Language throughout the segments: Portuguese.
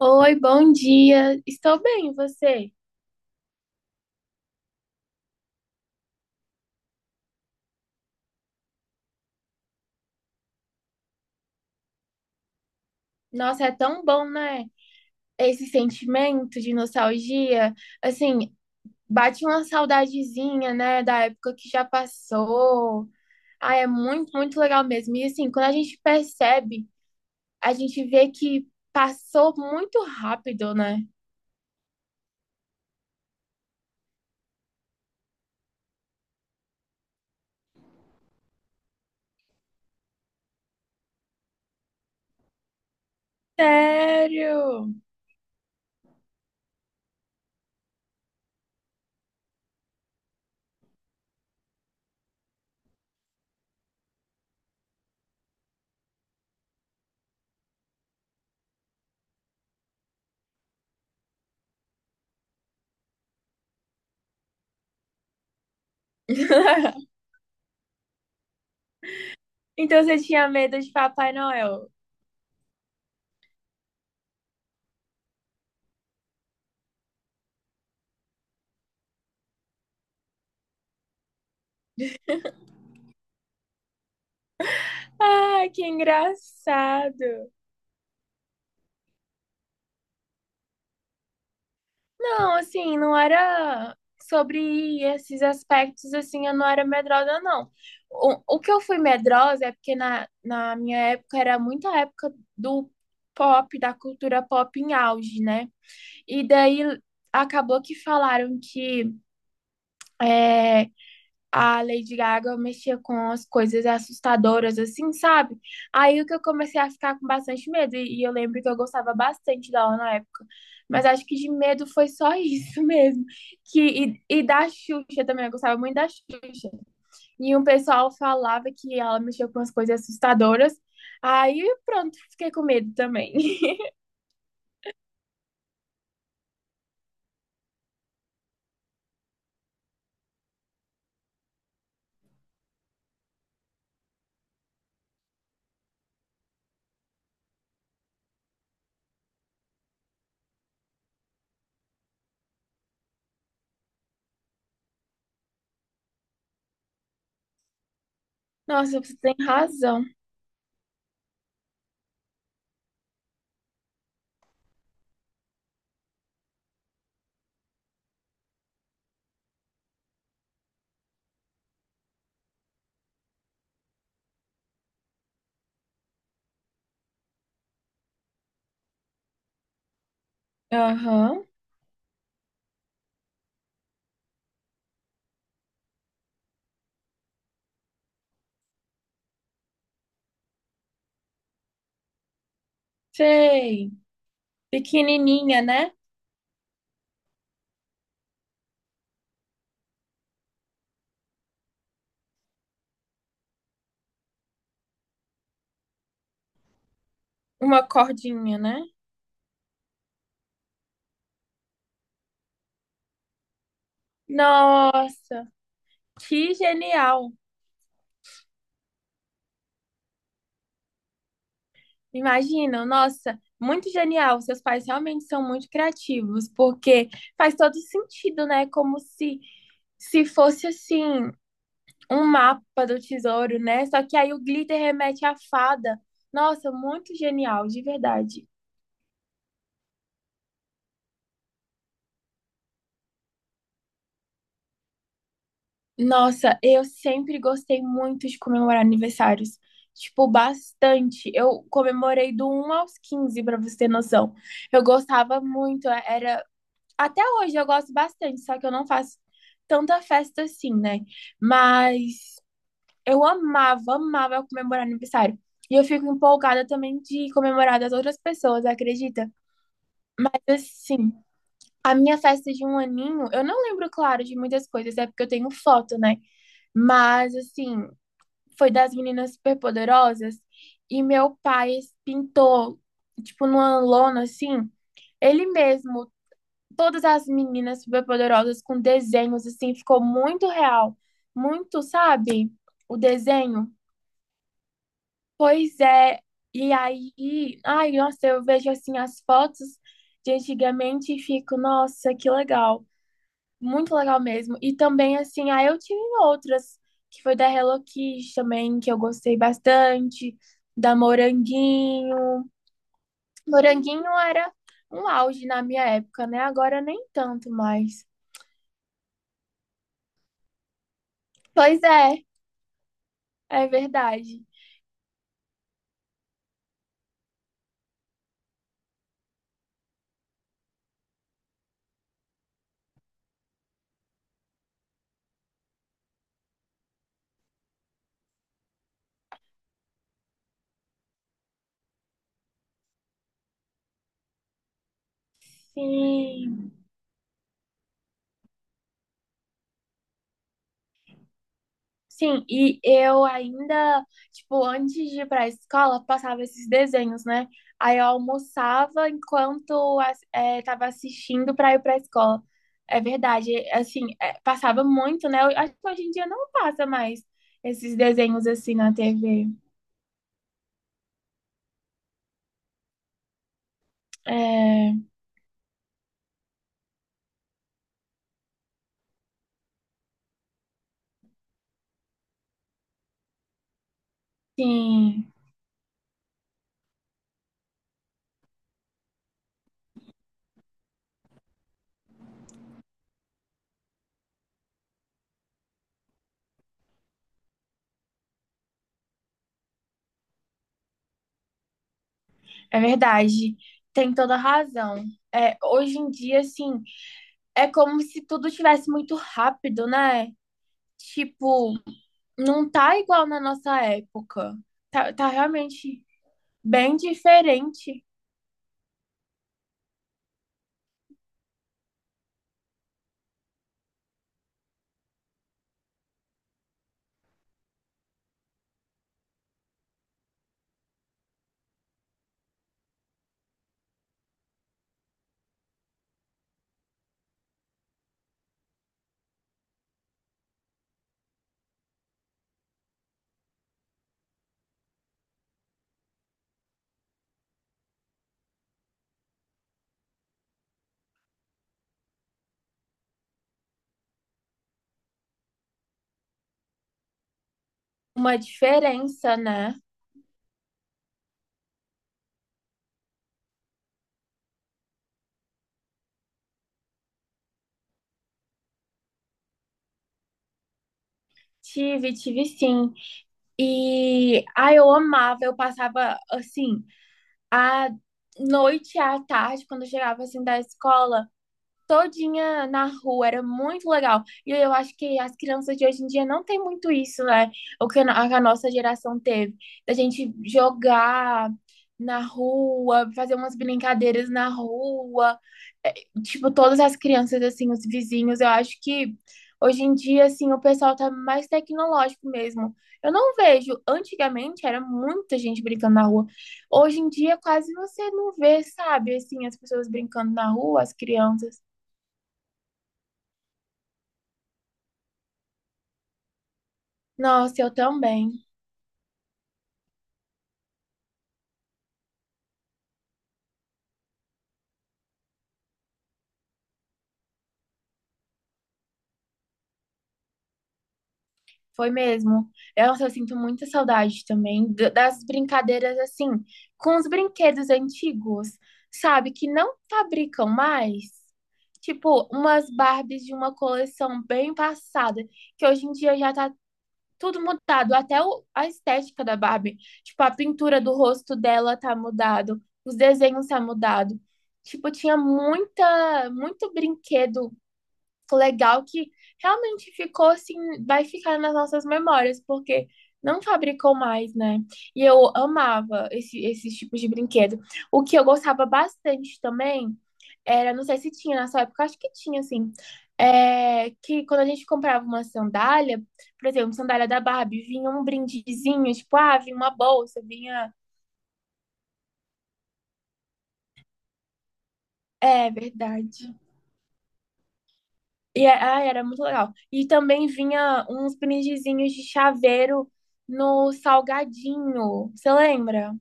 Oi, bom dia. Estou bem, e você? Nossa, é tão bom, né? Esse sentimento de nostalgia, assim, bate uma saudadezinha, né, da época que já passou. Ah, é muito, muito legal mesmo. E assim, quando a gente percebe, a gente vê que passou muito rápido, né? Sério? Então você tinha medo de Papai Noel? Ai, que engraçado. Não, assim, não era sobre esses aspectos, assim, eu não era medrosa, não. O que eu fui medrosa é porque na minha época era muita época do pop, da cultura pop em auge, né? E daí acabou que falaram que é, a Lady Gaga mexia com as coisas assustadoras, assim, sabe? Aí o que eu comecei a ficar com bastante medo, e eu lembro que eu gostava bastante dela na época. Mas acho que de medo foi só isso mesmo. Que, e da Xuxa também, eu gostava muito da Xuxa. E um pessoal falava que ela mexia com as coisas assustadoras. Aí pronto, fiquei com medo também. Nossa, você tem razão. Aham, sei. Pequenininha, né? Uma cordinha, né? Nossa, que genial! Imagina, nossa, muito genial. Seus pais realmente são muito criativos, porque faz todo sentido, né? Como se se fosse assim um mapa do tesouro, né? Só que aí o glitter remete à fada. Nossa, muito genial, de verdade. Nossa, eu sempre gostei muito de comemorar aniversários. Tipo, bastante. Eu comemorei do um aos 15, pra você ter noção. Eu gostava muito, era. Até hoje eu gosto bastante, só que eu não faço tanta festa assim, né? Mas eu amava, amava comemorar aniversário. E eu fico empolgada também de comemorar das outras pessoas, acredita? Mas assim, a minha festa de um aninho, eu não lembro, claro, de muitas coisas, é porque eu tenho foto, né? Mas assim, foi das meninas superpoderosas e meu pai pintou, tipo, numa lona assim, ele mesmo todas as meninas superpoderosas com desenhos, assim, ficou muito real. Muito, sabe? O desenho. Pois é. E aí, ai, nossa, eu vejo assim as fotos de antigamente e fico, nossa, que legal. Muito legal mesmo. E também, assim, aí eu tive outras, que foi da Hello Kitty também, que eu gostei bastante, da Moranguinho. Moranguinho era um auge na minha época, né? Agora nem tanto mais. Pois é. É verdade. Sim. Sim, e eu ainda, tipo, antes de ir pra escola, passava esses desenhos, né? Aí eu almoçava enquanto tava assistindo pra ir pra escola. É verdade, assim, passava muito, né? Eu acho que hoje em dia não passa mais esses desenhos assim na TV. É, sim, é verdade. Tem toda razão. É, hoje em dia, assim, é como se tudo tivesse muito rápido, né? Tipo, não tá igual na nossa época. Tá, tá realmente bem diferente. Uma diferença, né? Tive, tive sim. E ai, eu amava, eu passava assim, a noite à tarde, quando eu chegava assim da escola, todinha na rua, era muito legal. E eu acho que as crianças de hoje em dia não tem muito isso, né? O que a nossa geração teve, da gente jogar na rua, fazer umas brincadeiras na rua, tipo, todas as crianças assim, os vizinhos, eu acho que hoje em dia assim, o pessoal tá mais tecnológico mesmo. Eu não vejo, antigamente era muita gente brincando na rua. Hoje em dia quase você não vê, sabe, assim, as pessoas brincando na rua, as crianças. Nossa, eu também. Foi mesmo. Eu sinto muita saudade também das brincadeiras assim, com os brinquedos antigos, sabe? Que não fabricam mais. Tipo, umas Barbies de uma coleção bem passada, que hoje em dia já tá tudo mudado, até a estética da Barbie. Tipo, a pintura do rosto dela tá mudado, os desenhos tá mudado. Tipo, tinha muita, muito brinquedo legal que realmente ficou assim, vai ficar nas nossas memórias, porque não fabricou mais, né? E eu amava esse, esses tipos de brinquedo. O que eu gostava bastante também era, não sei se tinha na sua época, acho que tinha, assim, é, que quando a gente comprava uma sandália, por exemplo, sandália da Barbie, vinha um brindezinho, tipo, ah, vinha uma bolsa, vinha. É verdade. E ai, era muito legal. E também vinha uns brindezinhos de chaveiro no salgadinho. Você lembra?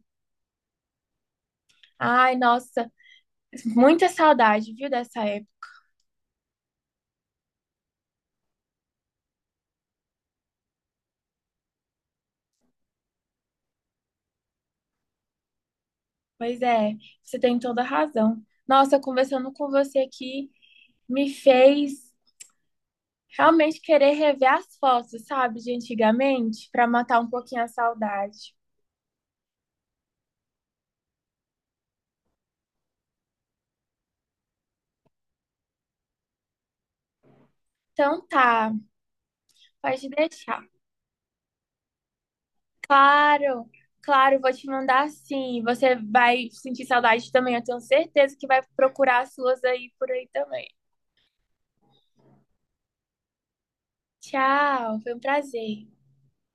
Ai, nossa, muita saudade, viu, dessa época. Pois é, você tem toda a razão. Nossa, conversando com você aqui me fez realmente querer rever as fotos, sabe, de antigamente, para matar um pouquinho a saudade. Então tá, pode deixar. Claro, claro, vou te mandar sim. Você vai sentir saudade também. Eu tenho certeza que vai procurar as suas aí por aí também. Tchau, foi um prazer.